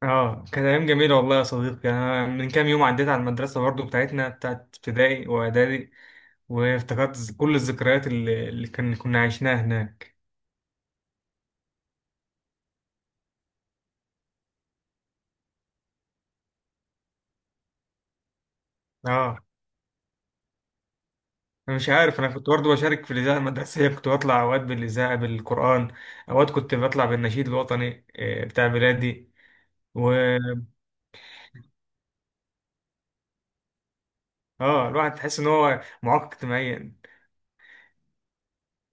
اه، كانت ايام جميله والله يا صديقي. انا من كام يوم عديت على المدرسه برضو، بتاعتنا، بتاعت ابتدائي واعدادي. وافتكرت كل الذكريات اللي كنا عشناها هناك. اه، انا مش عارف، انا كنت برضو بشارك في الاذاعه المدرسيه. كنت بطلع اوقات بالاذاعه بالقران، اوقات كنت بطلع بالنشيد الوطني بتاع بلادي. و اه، الواحد تحس ان هو معاق اجتماعيا.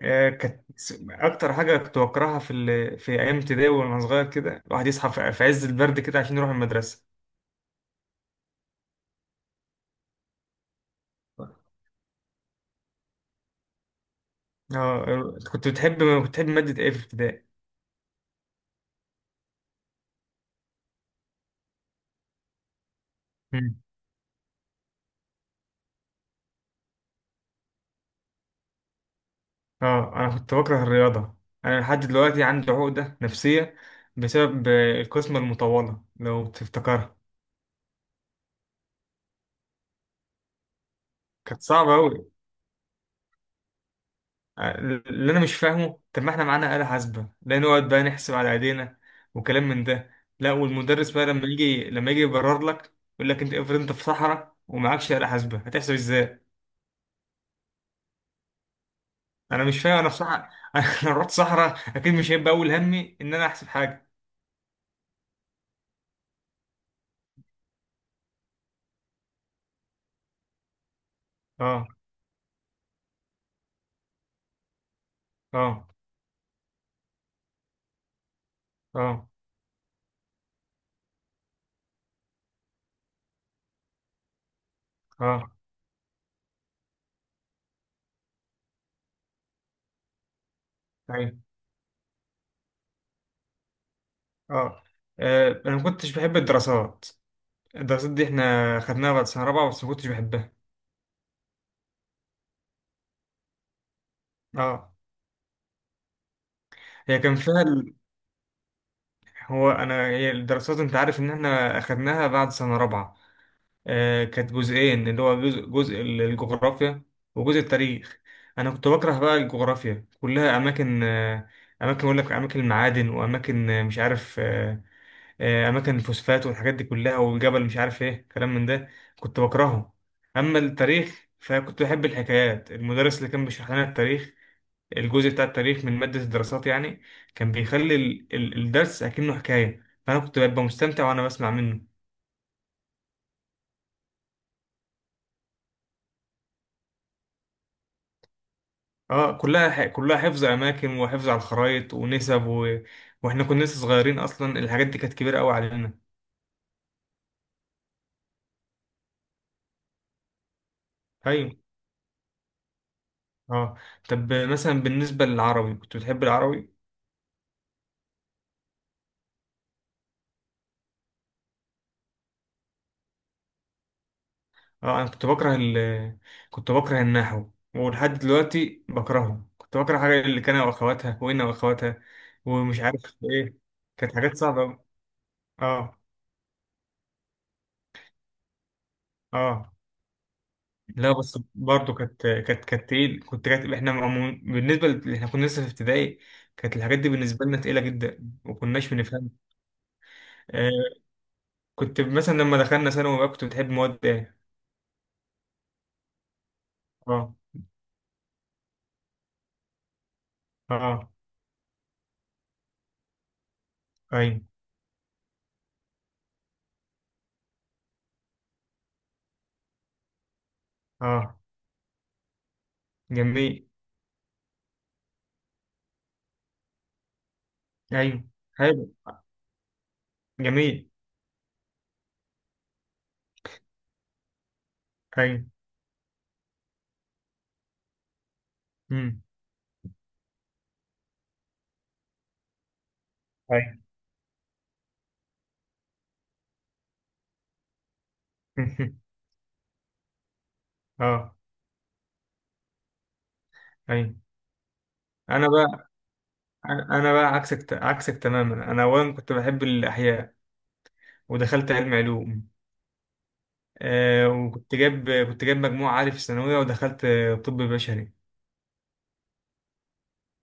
آه، كانت اكتر حاجه كنت بكرهها في ايام ابتدائي، وانا صغير كده الواحد يصحى في عز البرد كده عشان يروح المدرسه. اه، كنت بتحب مادة ايه في ابتدائي؟ مم. اه، انا كنت بكره الرياضة. انا لحد دلوقتي عندي عقدة نفسية بسبب القسمة المطولة، لو تفتكرها. كانت صعبة أوي. اللي أنا مش فاهمه، طب ما احنا معانا آلة حاسبة، لا نقعد بقى نحسب على إيدينا وكلام من ده. لا، والمدرس بقى لما يجي يبرر لك، يقول لك أنت افرض أنت في صحراء ومعكش آلة حاسبة، هتحسب إزاي؟ أنا مش فاهم، أنا في صحراء. أنا لو رحت صحراء أكيد مش هيبقى أول همي إن أنا أحسب حاجة. اه. اه. اه. اه. ايوه. اه. انا ما كنتش بحب الدراسات. الدراسات دي احنا خدناها بعد سنه رابعه، بس ما كنتش بحبها. اه، هي كان فيها ال... هو انا هي الدراسات، انت عارف ان احنا اخدناها بعد سنه رابعه. آه كانت جزئين، اللي هو جزء، الجغرافيا وجزء التاريخ. انا كنت بكره بقى الجغرافيا، كلها اماكن. اماكن، اقول لك اماكن المعادن واماكن، مش عارف، اماكن الفوسفات والحاجات دي كلها، والجبل مش عارف ايه، كلام من ده. كنت بكرهه. اما التاريخ فكنت بحب الحكايات. المدرس اللي كان بيشرح لنا التاريخ، الجزء بتاع التاريخ من مادة الدراسات يعني، كان بيخلي الدرس اكنه حكاية، فانا كنت ببقى مستمتع وانا بسمع منه. اه، كلها حفظ اماكن، وحفظ على الخرايط، ونسب واحنا كنا لسه صغيرين، اصلا الحاجات دي كانت كبيرة قوي علينا. ايوه. اه. طب مثلا بالنسبة للعربي، كنت بتحب العربي؟ اه، انا كنت بكره ال كنت بكره النحو، ولحد دلوقتي بكرهه. كنت بكره حاجه اللي كان واخواتها، وانا واخواتها، ومش عارف ايه. كانت حاجات صعبه أوي. اه. اه. لا، بس برضه كانت، تقيل، كنت كانت احنا عمو- بالنسبه ل- احنا كنا لسه في ابتدائي. كانت الحاجات دي بالنسبه لنا تقيله جدا، وكناش بنفهم. آه. كنت مثلا لما دخلنا ثانوي بقى، كنت بتحب مواد ايه؟ اه. اه. ايوه. اه. جميل. ايوه. حلو. جميل. ايوه. ايوه. اه. ايوه. انا بقى انا بقى عكسك تماما. انا اولا كنت بحب الاحياء، ودخلت علم علوم. آه، وكنت جايب مجموع عالي في الثانويه، ودخلت طب بشري.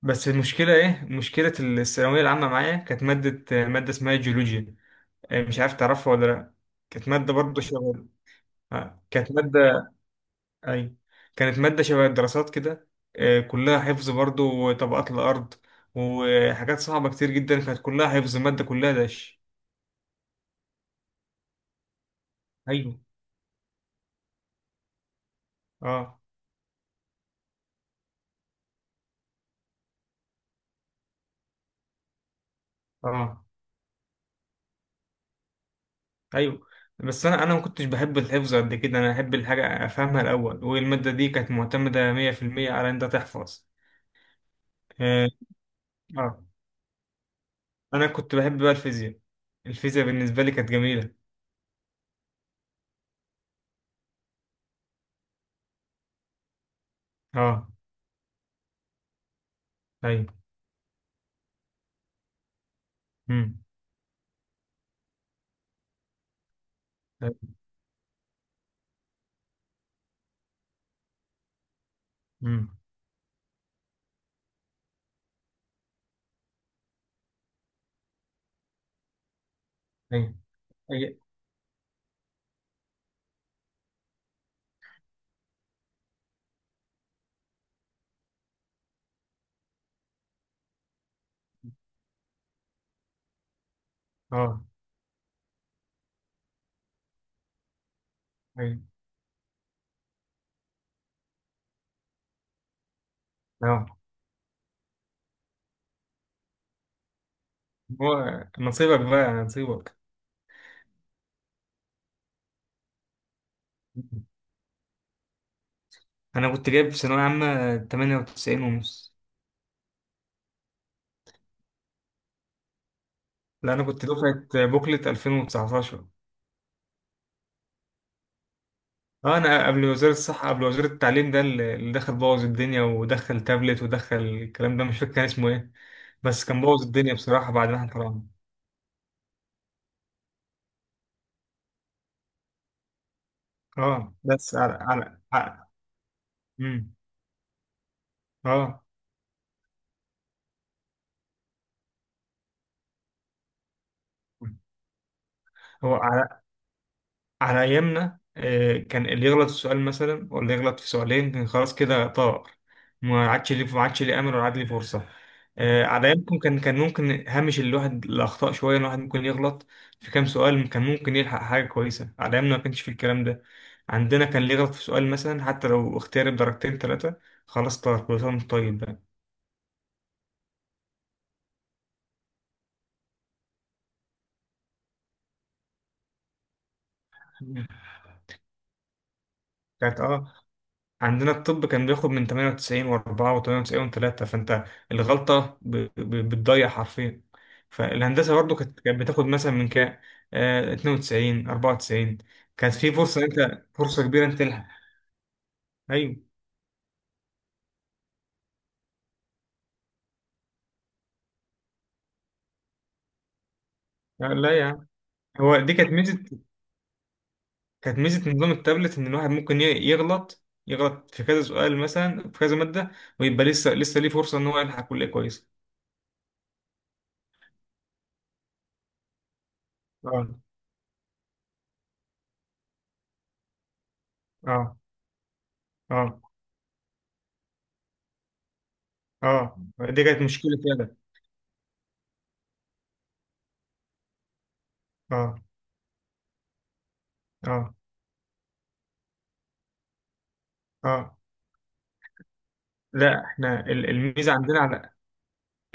بس المشكله ايه؟ مشكله الثانويه العامه معايا كانت ماده، ماده اسمها جيولوجيا. مش عارف تعرفها ولا لا. كانت ماده برضه شغل. آه، كانت ماده، أي، كانت مادة شبه الدراسات كده. كلها حفظ برضه، وطبقات الأرض وحاجات صعبة كتير جدا. كانت كلها حفظ، المادة كلها داش. أيوه. أه. أه. أيوه. بس أنا ما كنتش بحب الحفظ قد كده. أنا أحب الحاجة أفهمها الأول، والمادة دي كانت معتمدة 100% على إن أنت تحفظ. أه. آه. أنا كنت بحب بقى الفيزياء. الفيزياء بالنسبة لي كانت جميلة. أه. أيوه. أمم. أيوه. أمم. أيوه. أيوه. أه. أيوه. أه. هو نصيبك بقى، نصيبك. انا كنت جايب في ثانويه عامه 98 ونص. لا، انا كنت دفعه بوكلت 2019. اه، انا قبل وزير الصحه، قبل وزير التعليم ده، اللي دخل بوظ الدنيا، ودخل تابلت، ودخل الكلام ده، مش فاكر كان اسمه ايه. بس كان بوظ الدنيا بصراحه بعد ما احنا طلعنا. اه، بس امم. اه. هو على أيامنا كان اللي يغلط في سؤال مثلا، ولا يغلط في سؤالين، كان خلاص كده طار. ما عادش ليه أمل، ولا عاد ليه فرصة. على أيامكم كان ممكن هامش الواحد الأخطاء شوية، الواحد ممكن يغلط في كام سؤال، كان ممكن يلحق حاجة كويسة. على أيامنا ما كانش في الكلام ده. عندنا كان اللي يغلط في سؤال مثلا، حتى لو اختيار بدرجتين ثلاثة، خلاص طار، كل سنة وأنت طيب بقى. كانت، اه، عندنا الطب كان بياخد من 98 و4 و98 و3، فانت الغلطة بتضيع حرفيا. فالهندسة برضو كانت بتاخد مثلا من كام؟ 92 94. كانت في فرصة، انت فرصة كبيرة انت تلحق. ايوه. لا، لا، يا عم. هو دي كانت ميزة، كانت ميزة نظام التابلت، ان الواحد ممكن يغلط في كذا سؤال مثلا، في كذا مادة، ويبقى لسه ليه فرصة ان هو يلحق كلية كويسة. اه. اه. اه. اه. دي كانت مشكلة فعلا. اه. اه. اه. لا، احنا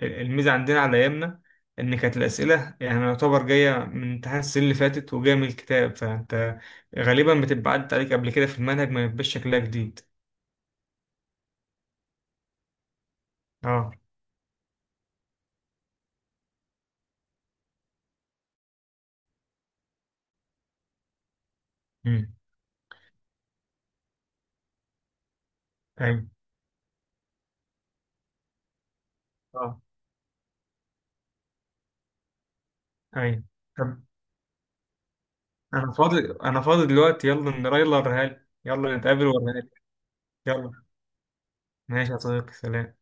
الميزه عندنا على ايامنا، ان كانت الاسئله يعني يعتبر جايه من امتحان السنه اللي فاتت، وجايه من الكتاب، فانت غالبا بتبقى عدت عليك قبل كده في المنهج، ما يبقاش شكلها جديد. اه. امم. ايوه. اه. ايوه. طب، انا فاضي. انا فاضي دلوقتي، يلا نرايلر هل، يلا نتقابل ورهالي. يلا. ماشي يا صديقي، سلام.